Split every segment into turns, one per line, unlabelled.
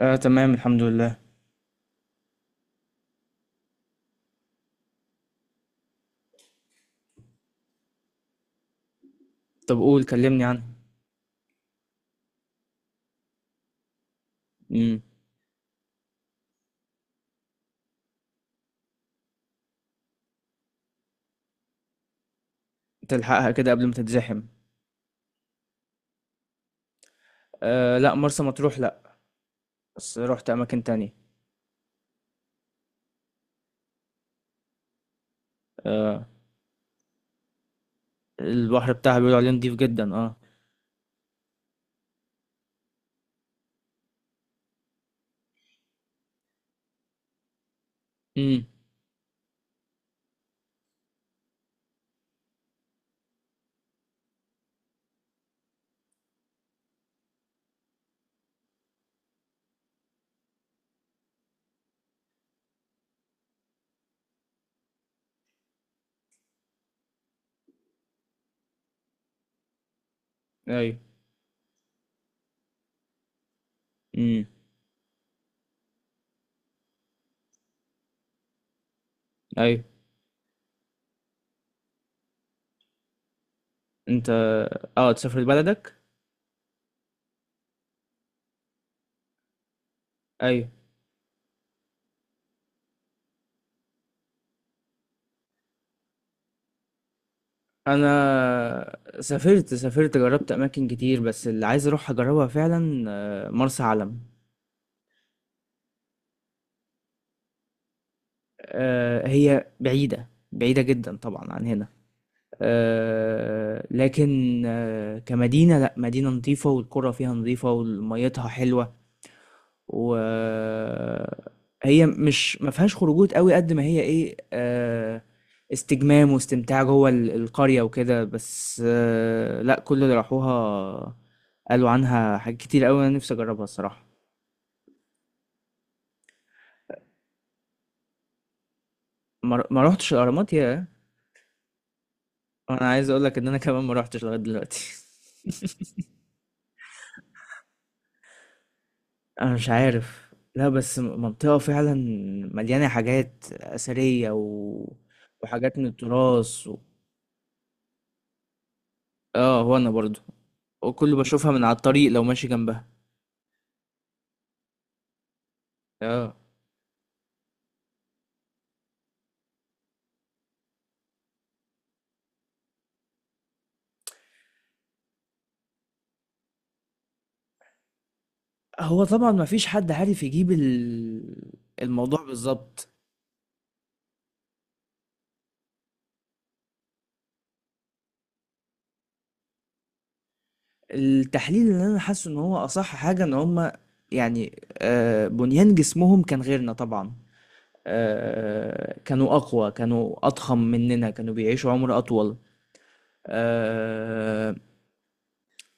آه، تمام، الحمد لله. طب، قول كلمني عنها. امم. تلحقها كده قبل ما تتزحم؟ آه، لا، مرسى مطروح لا. بس رحت اماكن تانية. آه، البحر بتاعها بيقولوا عليه نضيف جدا، اه. امم. ايوه. امم. ايوه. انت اه تسافر لبلدك؟ ايوه. انا سافرت جربت اماكن كتير، بس اللي عايز اروح اجربها فعلا مرسى علم. هي بعيدة بعيدة جدا طبعا عن هنا. لكن كمدينة، لا، مدينة نظيفة والقرى فيها نظيفة وميتها حلوة. وهي مش ما فيهاش خروجات قوي قد ما هي ايه، استجمام واستمتاع جوه القرية وكده، بس لا، كل اللي راحوها قالوا عنها حاجات كتير قوي، انا نفسي اجربها الصراحة. ما روحتش الاهرامات، يا. انا عايز اقول لك ان انا كمان ما روحتش لغاية دلوقتي. انا مش عارف، لا، بس منطقة فعلا مليانة حاجات أثرية، وحاجات من التراث، اه، هو انا برضو، وكله بشوفها من على الطريق لو ماشي جنبها. اه، هو طبعا ما فيش حد عارف يجيب الموضوع بالظبط. التحليل اللي انا حاسه ان هو اصح حاجة، ان هما يعني بنيان جسمهم كان غيرنا طبعا. كانوا اقوى، كانوا اضخم مننا، كانوا بيعيشوا عمر اطول. آه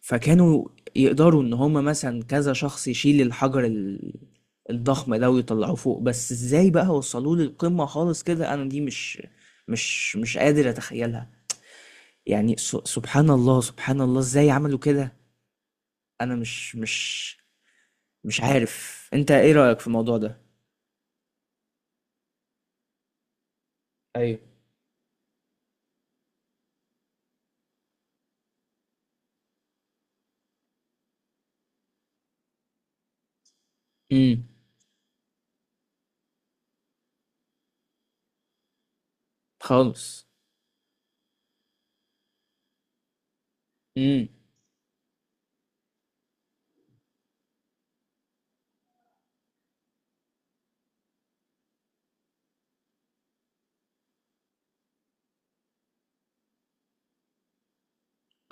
فكانوا يقدروا ان هم مثلا كذا شخص يشيل الحجر الضخم ده ويطلعوه فوق. بس ازاي بقى وصلوه للقمة خالص، كده انا دي مش قادر اتخيلها. يعني سبحان الله، سبحان الله، ازاي عملوا كده. انا مش عارف، انت ايه رأيك في الموضوع ده؟ ايوه. امم. خالص. امم.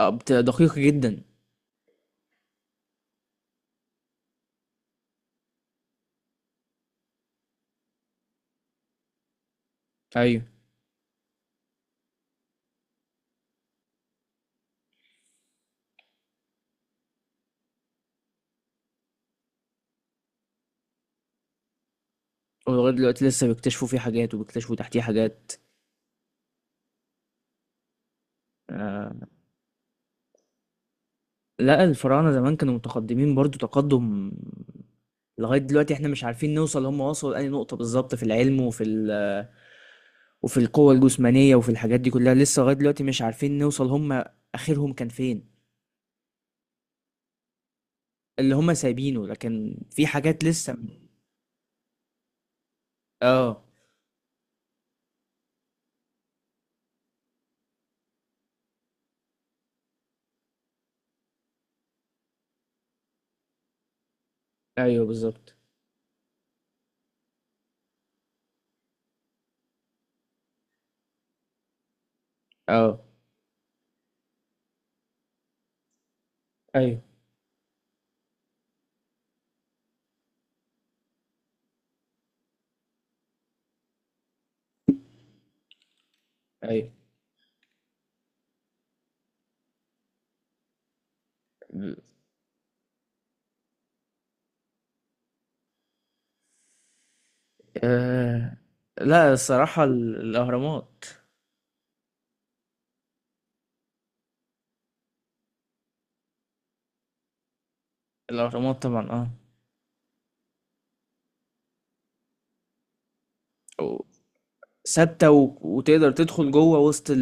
آه، دقيق جدا. ايوه. ولغايه دلوقتي لسه بيكتشفوا فيه حاجات وبيكتشفوا تحتيه حاجات. آه. لأ، الفراعنة زمان كانوا متقدمين برضه تقدُّم. لغاية دلوقتي إحنا مش عارفين نوصل هم وصلوا لأنهي نقطة بالضبط، في العلم وفي القوة الجسمانية وفي الحاجات دي كلّها، لسه لغاية دلوقتي مش عارفين نوصل هم آخرهم كان فين. اللي هم سايبينه، لكن في حاجات لسه. آه. أيوه، بالضبط. آه. أيوه. أيوه. ال آآ لأ، الصراحة الأهرامات. الأهرامات طبعًا. و ثابته وتقدر تدخل جوه وسط ال...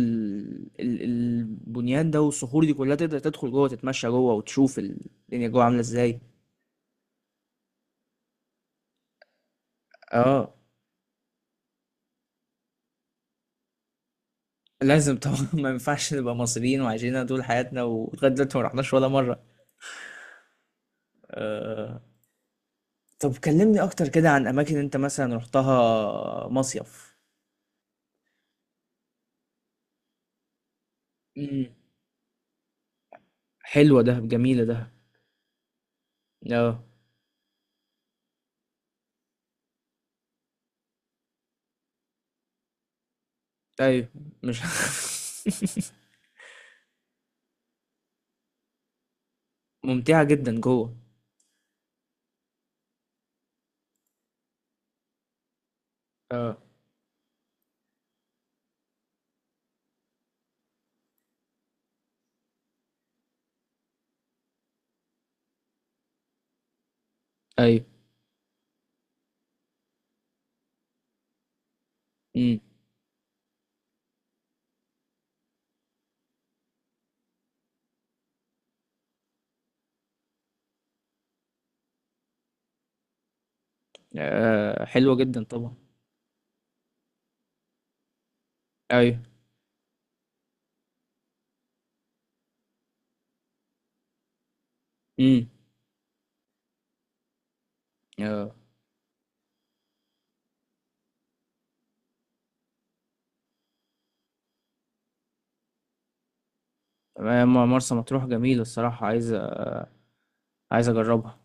ال... البنيان ده والصخور دي كلها، تقدر تدخل جوه تتمشى جوه وتشوف الدنيا جوه عامله ازاي. اه، لازم طبعا. ما ينفعش نبقى مصريين وعايشين هنا طول حياتنا ولغايه دلوقتي ما رحناش ولا مره. آه. طب كلمني اكتر كده عن اماكن انت مثلا رحتها مصيف. امم. حلوه ده، جميله ده. اه. ايوه. مش ممتعه جدا جوه. اه. ايوه. امم. آه. حلوه جدا طبعا. أيوه. إمم. آه. ما مرسى مطروح جميلة، الصراحة عايز أجرّبها.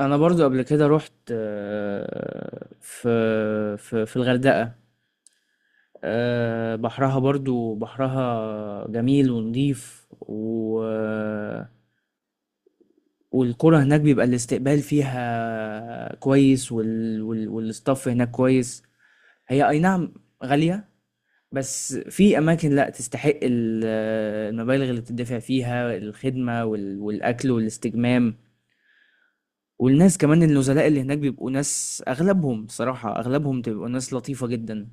أنا برضه قبل كده رُحت، في الغردقة، بحرها جميل ونضيف، والقرى هناك بيبقى الاستقبال فيها كويس، والstaff هناك كويس. هي، أي نعم، غالية. بس في اماكن لا تستحق المبالغ اللي بتدفع فيها، الخدمه والاكل والاستجمام. والناس كمان، النزلاء اللي هناك بيبقوا ناس، اغلبهم صراحه اغلبهم بتبقوا ناس لطيفه جدا.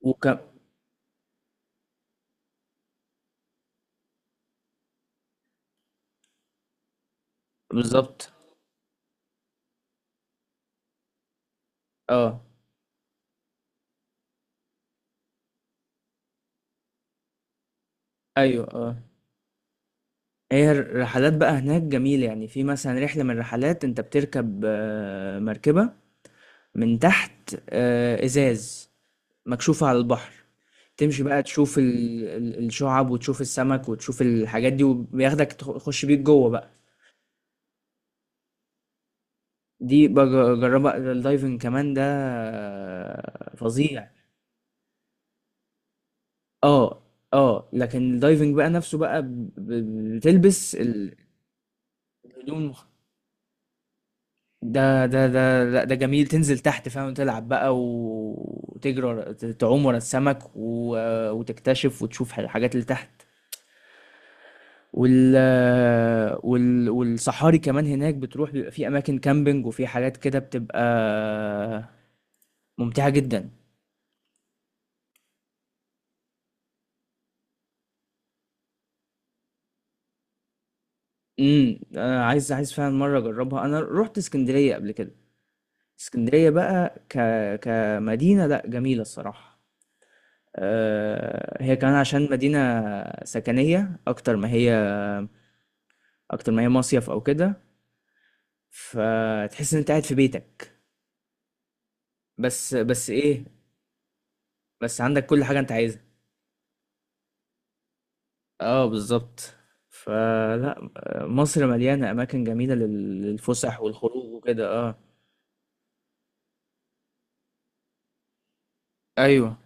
وك بالظبط. اه. ايوه. اه. هي الرحلات بقى هناك جميله، يعني في مثلا رحله من الرحلات، انت بتركب مركبه من تحت، ازاز مكشوفه على البحر. تمشي بقى تشوف الشعب، وتشوف السمك وتشوف الحاجات دي، وبياخدك تخش بيك جوه بقى. دي بجربها، الدايفنج كمان ده فظيع. اه، اه، لكن الدايفنج بقى نفسه بقى بتلبس الهدوم. ده، لا، ده جميل، تنزل تحت، فاهم، تلعب بقى وتجري تعوم ورا السمك، وتكتشف وتشوف الحاجات اللي تحت. وال والصحاري كمان هناك بتروح، بيبقى في اماكن كامبينج وفي حاجات كده، بتبقى ممتعة جدا. امم. انا عايز فعلا مرة اجربها. انا رحت اسكندرية قبل كده. اسكندرية بقى كمدينة، لا، جميلة الصراحة. هي كمان عشان مدينة سكنية، اكتر ما هي مصيف او كده، فتحس ان انت قاعد في بيتك. بس ايه، بس عندك كل حاجة انت عايزها. اه، بالظبط. فلا مصر مليانة أماكن جميلة للفسح والخروج وكده، اه. أيوه.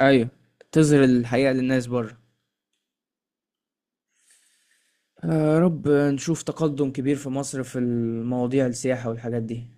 أيوه. تظهر الحقيقة للناس بره. آه، يا رب نشوف تقدم كبير في مصر في المواضيع السياحة والحاجات دي.